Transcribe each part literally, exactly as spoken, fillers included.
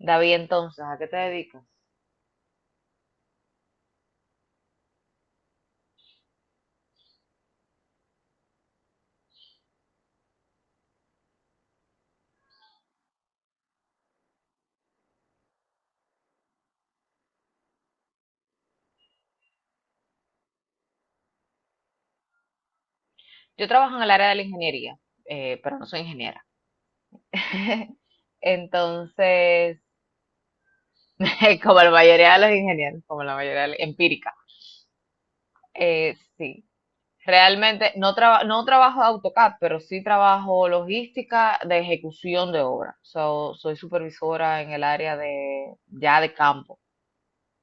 David, entonces, ¿a qué te dedicas? Yo trabajo en el área de la ingeniería, eh, pero no soy ingeniera. Entonces, como la mayoría de los ingenieros, como la mayoría de los- empírica. Eh, sí, realmente no, traba- no trabajo AutoCAD, pero sí trabajo logística de ejecución de obra. So, soy supervisora en el área de ya de campo,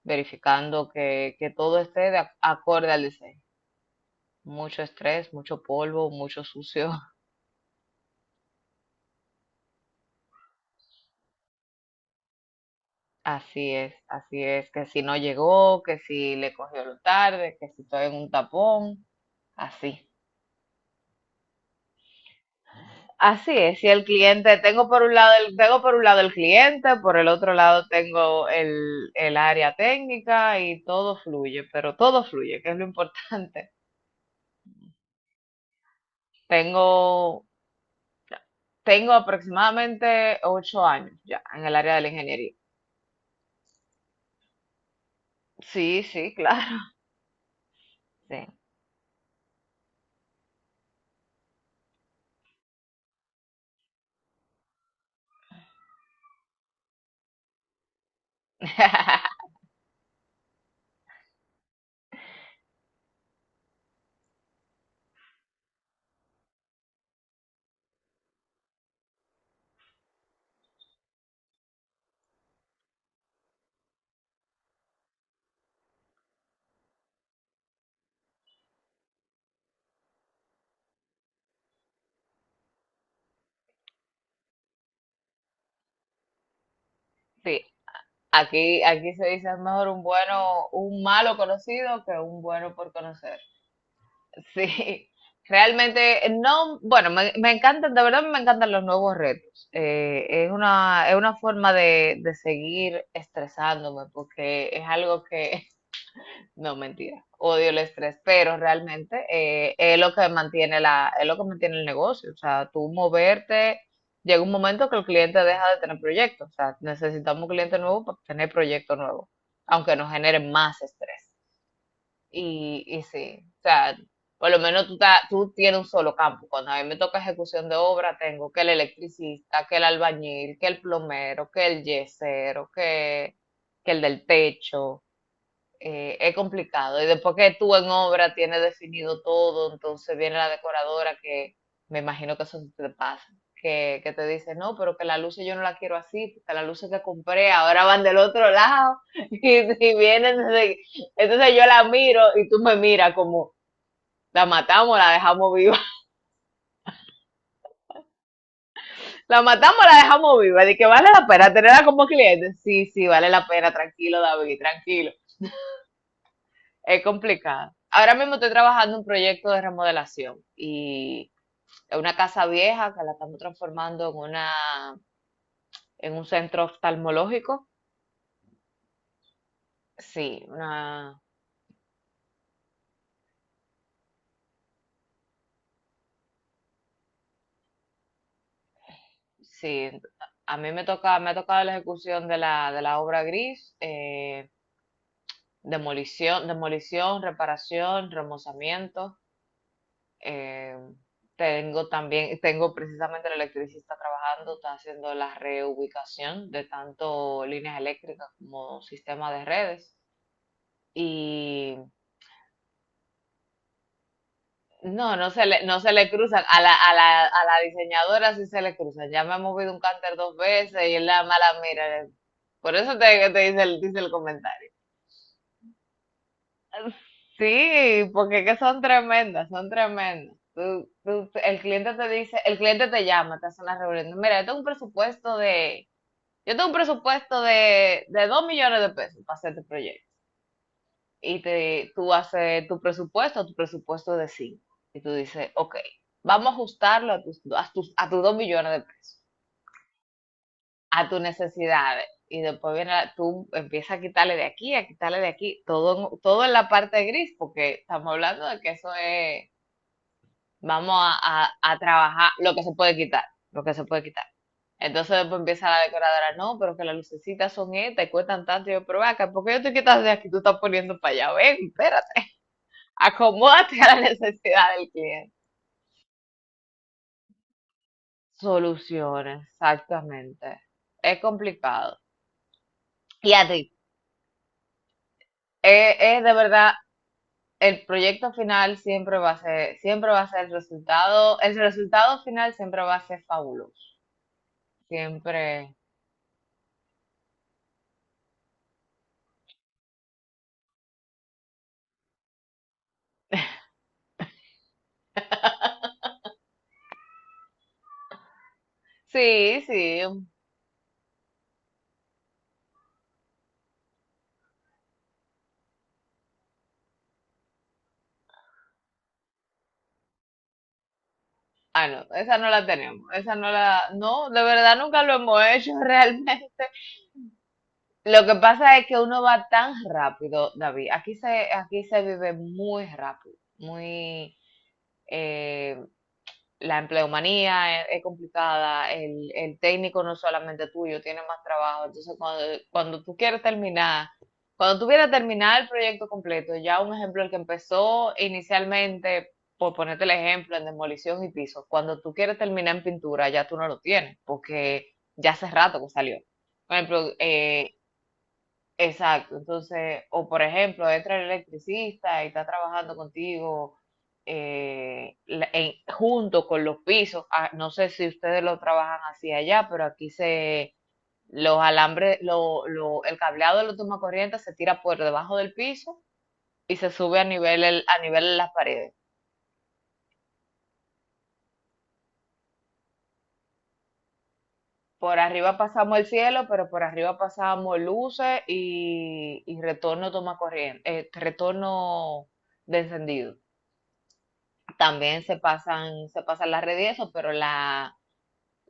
verificando que, que todo esté de ac- acorde al diseño. Mucho estrés, mucho polvo, mucho sucio. Así es, así es, que si no llegó, que si le cogió lo tarde, que si estoy en un tapón, así. Así es, y el cliente, tengo por un lado el, tengo por un lado el cliente, por el otro lado tengo el, el área técnica y todo fluye, pero todo fluye, que es lo importante. Tengo, tengo aproximadamente ocho años ya en el área de la ingeniería. Sí, sí, claro. Sí. Sí. Aquí, aquí se dice es mejor un bueno, un malo conocido que un bueno por conocer. Sí, realmente no, bueno, me, me encantan, de verdad me encantan los nuevos retos. Eh, es una, es una forma de, de seguir estresándome porque es algo que no, mentira. Odio el estrés, pero realmente eh, es lo que mantiene la, es lo que mantiene el negocio. O sea, tú moverte, llega un momento que el cliente deja de tener proyectos. O sea, necesitamos un cliente nuevo para tener proyectos nuevos, aunque nos genere más estrés. Y, y sí, o sea, por lo menos tú, ta- tú tienes un solo campo. Cuando a mí me toca ejecución de obra, tengo que el electricista, que el albañil, que el plomero, que el yesero, que, que el del techo eh, es complicado. Y después que tú en obra tienes definido todo, entonces viene la decoradora que me imagino que eso te pasa, que, que te dice, no, pero que las luces yo no la quiero así, porque las luces que compré ahora van del otro lado y, y vienen, entonces entonces yo la miro y tú me miras como, la matamos, la dejamos viva, la matamos, la dejamos viva, de que vale la pena tenerla como cliente. Sí, sí, vale la pena, tranquilo David, tranquilo. Es complicado. Ahora mismo estoy trabajando en un proyecto de remodelación y es una casa vieja que la estamos transformando en una, en un centro oftalmológico. Sí, una, sí. A mí me toca, me ha tocado la ejecución de la, de la obra gris, eh, demolición, demolición, reparación, remozamiento. Eh, tengo también, tengo precisamente el electricista trabajando, está haciendo la reubicación de tanto líneas eléctricas como sistema de redes. Y no, no se le, no se le cruzan. A la, a la, a la diseñadora sí se le cruzan. Ya me ha movido un cánter dos veces y es la mala mira. Por eso te, te dice el, dice el comentario. Sí, porque es que son tremendas, son tremendas. Tú- tú- el cliente te dice, el cliente te llama, te hace una reunión. Mira, yo tengo un presupuesto de, yo tengo un presupuesto de, de, dos millones de pesos para hacer este proyecto. Y te, tú haces tu presupuesto, tu presupuesto de cinco. Y tú dices, ok, vamos a ajustarlo a tus, a tus, a tus dos millones de pesos, a tus necesidades. Y después viene, la- tú empiezas a quitarle de aquí, a quitarle de aquí, todo, en- todo en la parte gris, porque estamos hablando de que eso es vamos a, a- a trabajar lo que se puede quitar, lo que se puede quitar. Entonces después empieza la decoradora, no, pero que las lucecitas son estas y cuestan tanto. Y yo, pero ve acá, ¿por qué yo te quitas de aquí? Tú estás poniendo para allá. Ven, espérate. Acomódate a la necesidad del cliente. Soluciones, exactamente. Es complicado. Y a ti, es, es de verdad, el proyecto final siempre va a ser, siempre va a ser el resultado, el resultado final siempre va a ser fabuloso. Siempre. Sí, sí. Ah, no, esa no la tenemos, esa no la, no, de verdad nunca lo hemos hecho realmente. Lo que pasa es que uno va tan rápido, David. Aquí se, aquí se vive muy rápido, muy, eh, la empleomanía es, es complicada, el, el, técnico no es solamente tuyo, tiene más trabajo. Entonces, cuando, cuando tú quieres terminar, cuando tú quieres terminar el proyecto completo, ya un ejemplo, el que empezó inicialmente, por ponerte el ejemplo, en demolición y pisos, cuando tú quieres terminar en pintura, ya tú no lo tienes, porque ya hace rato que salió. Por ejemplo, eh, exacto, entonces, o por ejemplo, entra el electricista y está trabajando contigo eh, la- en- junto con los pisos. Ah, no sé si ustedes lo trabajan así allá, pero aquí se los alambres, lo, lo- el cableado de los tomacorrientes se tira por debajo del piso y se sube a nivel el- a nivel de las paredes. Por arriba pasamos el cielo, pero por arriba pasamos luces y, y retorno toma corriente, retorno de encendido. También se pasan, se pasan las redes y eso, pero la,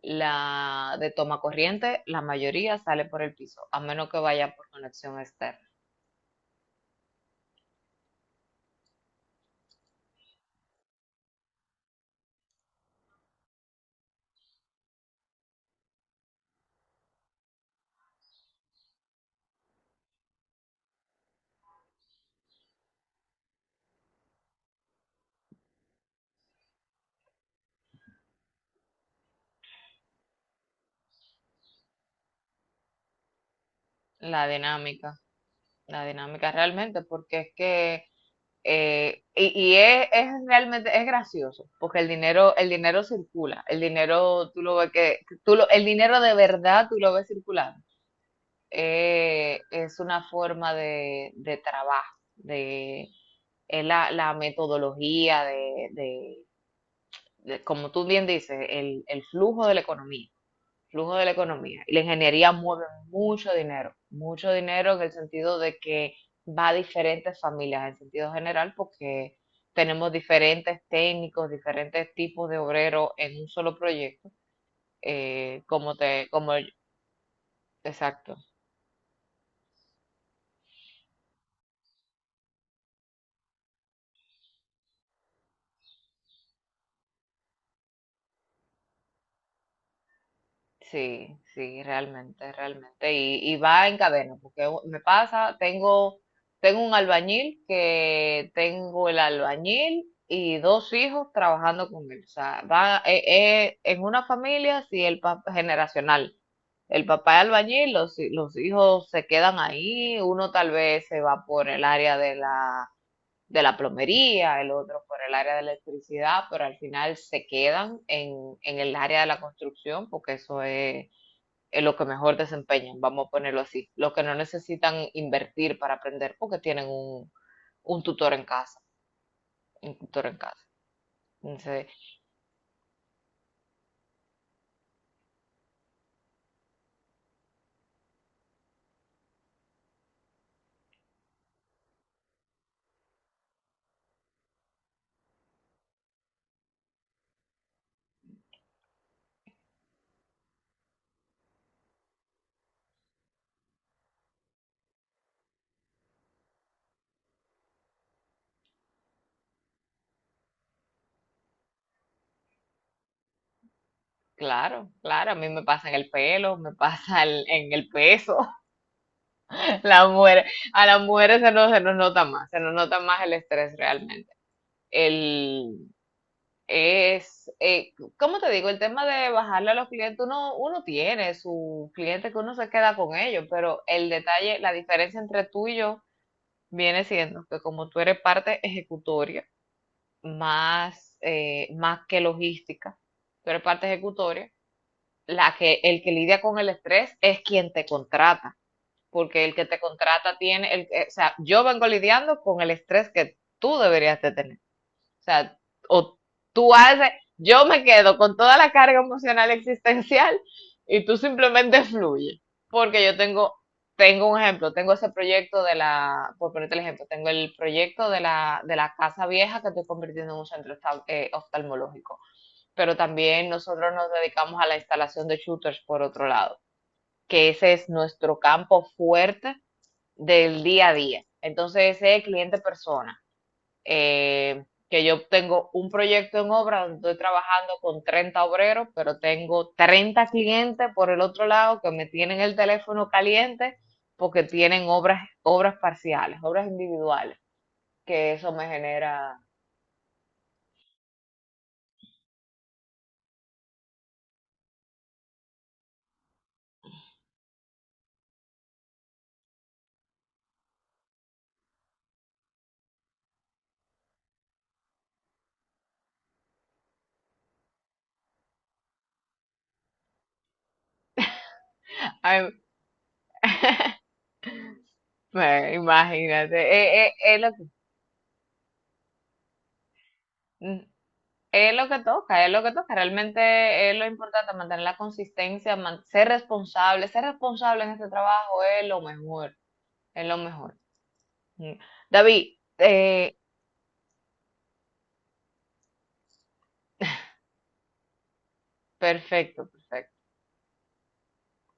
la de toma corriente, la mayoría sale por el piso, a menos que vaya por conexión externa. La dinámica, la dinámica realmente, porque es que, eh, y, y es, es realmente, es gracioso, porque el dinero, el dinero circula, el dinero, tú lo ves que, tú lo, el dinero de verdad tú lo ves circulando. Eh, es una forma de, de trabajo, de, es la, la metodología de, de, de- como tú bien dices, el, el flujo de la economía, flujo de la economía. Y la ingeniería mueve mucho dinero, mucho dinero en el sentido de que va a diferentes familias, en sentido general, porque tenemos diferentes técnicos, diferentes tipos de obreros en un solo proyecto, eh, como te, como, exacto. Sí, sí, realmente, realmente. Y, y va en cadena, porque u- me pasa, tengo, tengo un albañil que tengo el albañil y dos hijos trabajando con él. O sea, va eh, eh, en una familia, sí, el pa- generacional. El papá es albañil, los, hi- los hijos se quedan ahí, uno tal vez se va por el área de la de la plomería, el otro por el área de electricidad, pero al final se quedan en, en el área de la construcción porque eso es, es lo que mejor desempeñan, vamos a ponerlo así. Los que no necesitan invertir para aprender porque tienen un, un tutor en casa, un tutor en casa. Entonces, claro, claro, a mí me pasa en el pelo, me pasa el- en el peso. La mujer, a las mujeres se nos, se nos nota más, se nos nota más el estrés realmente. El, Es, eh, ¿cómo te digo? El tema de bajarle a los clientes, uno, uno tiene su cliente que uno se queda con ellos, pero el detalle, la diferencia entre tú y yo viene siendo que como tú eres parte ejecutoria, más, eh, más que logística, tú eres parte ejecutoria, la que, el que lidia con el estrés es quien te contrata, porque el que te contrata tiene, el, eh, o sea, yo vengo lidiando con el estrés que tú deberías de tener. O sea, o tú haces, yo me quedo con toda la carga emocional existencial y tú simplemente fluye. Porque yo tengo, tengo un ejemplo, tengo ese proyecto de la, por ponerte el ejemplo, tengo el proyecto de la, de la casa vieja que estoy convirtiendo en un centro esta- eh, oftalmológico. Pero también nosotros nos dedicamos a la instalación de shooters por otro lado, que ese es nuestro campo fuerte del día a día. Entonces, ese es cliente persona eh, que yo tengo un proyecto en obra donde estoy trabajando con treinta obreros, pero tengo treinta clientes por el otro lado que me tienen el teléfono caliente porque tienen obras, obras parciales, obras individuales, que eso me genera... Ay, me- imagínate, eh, eh, es, lo que, es lo que toca, es lo que toca, realmente es lo importante, mantener la consistencia, man- ser responsable, ser responsable en este trabajo es lo mejor, es lo mejor. Mm. David, eh, perfecto, perfecto.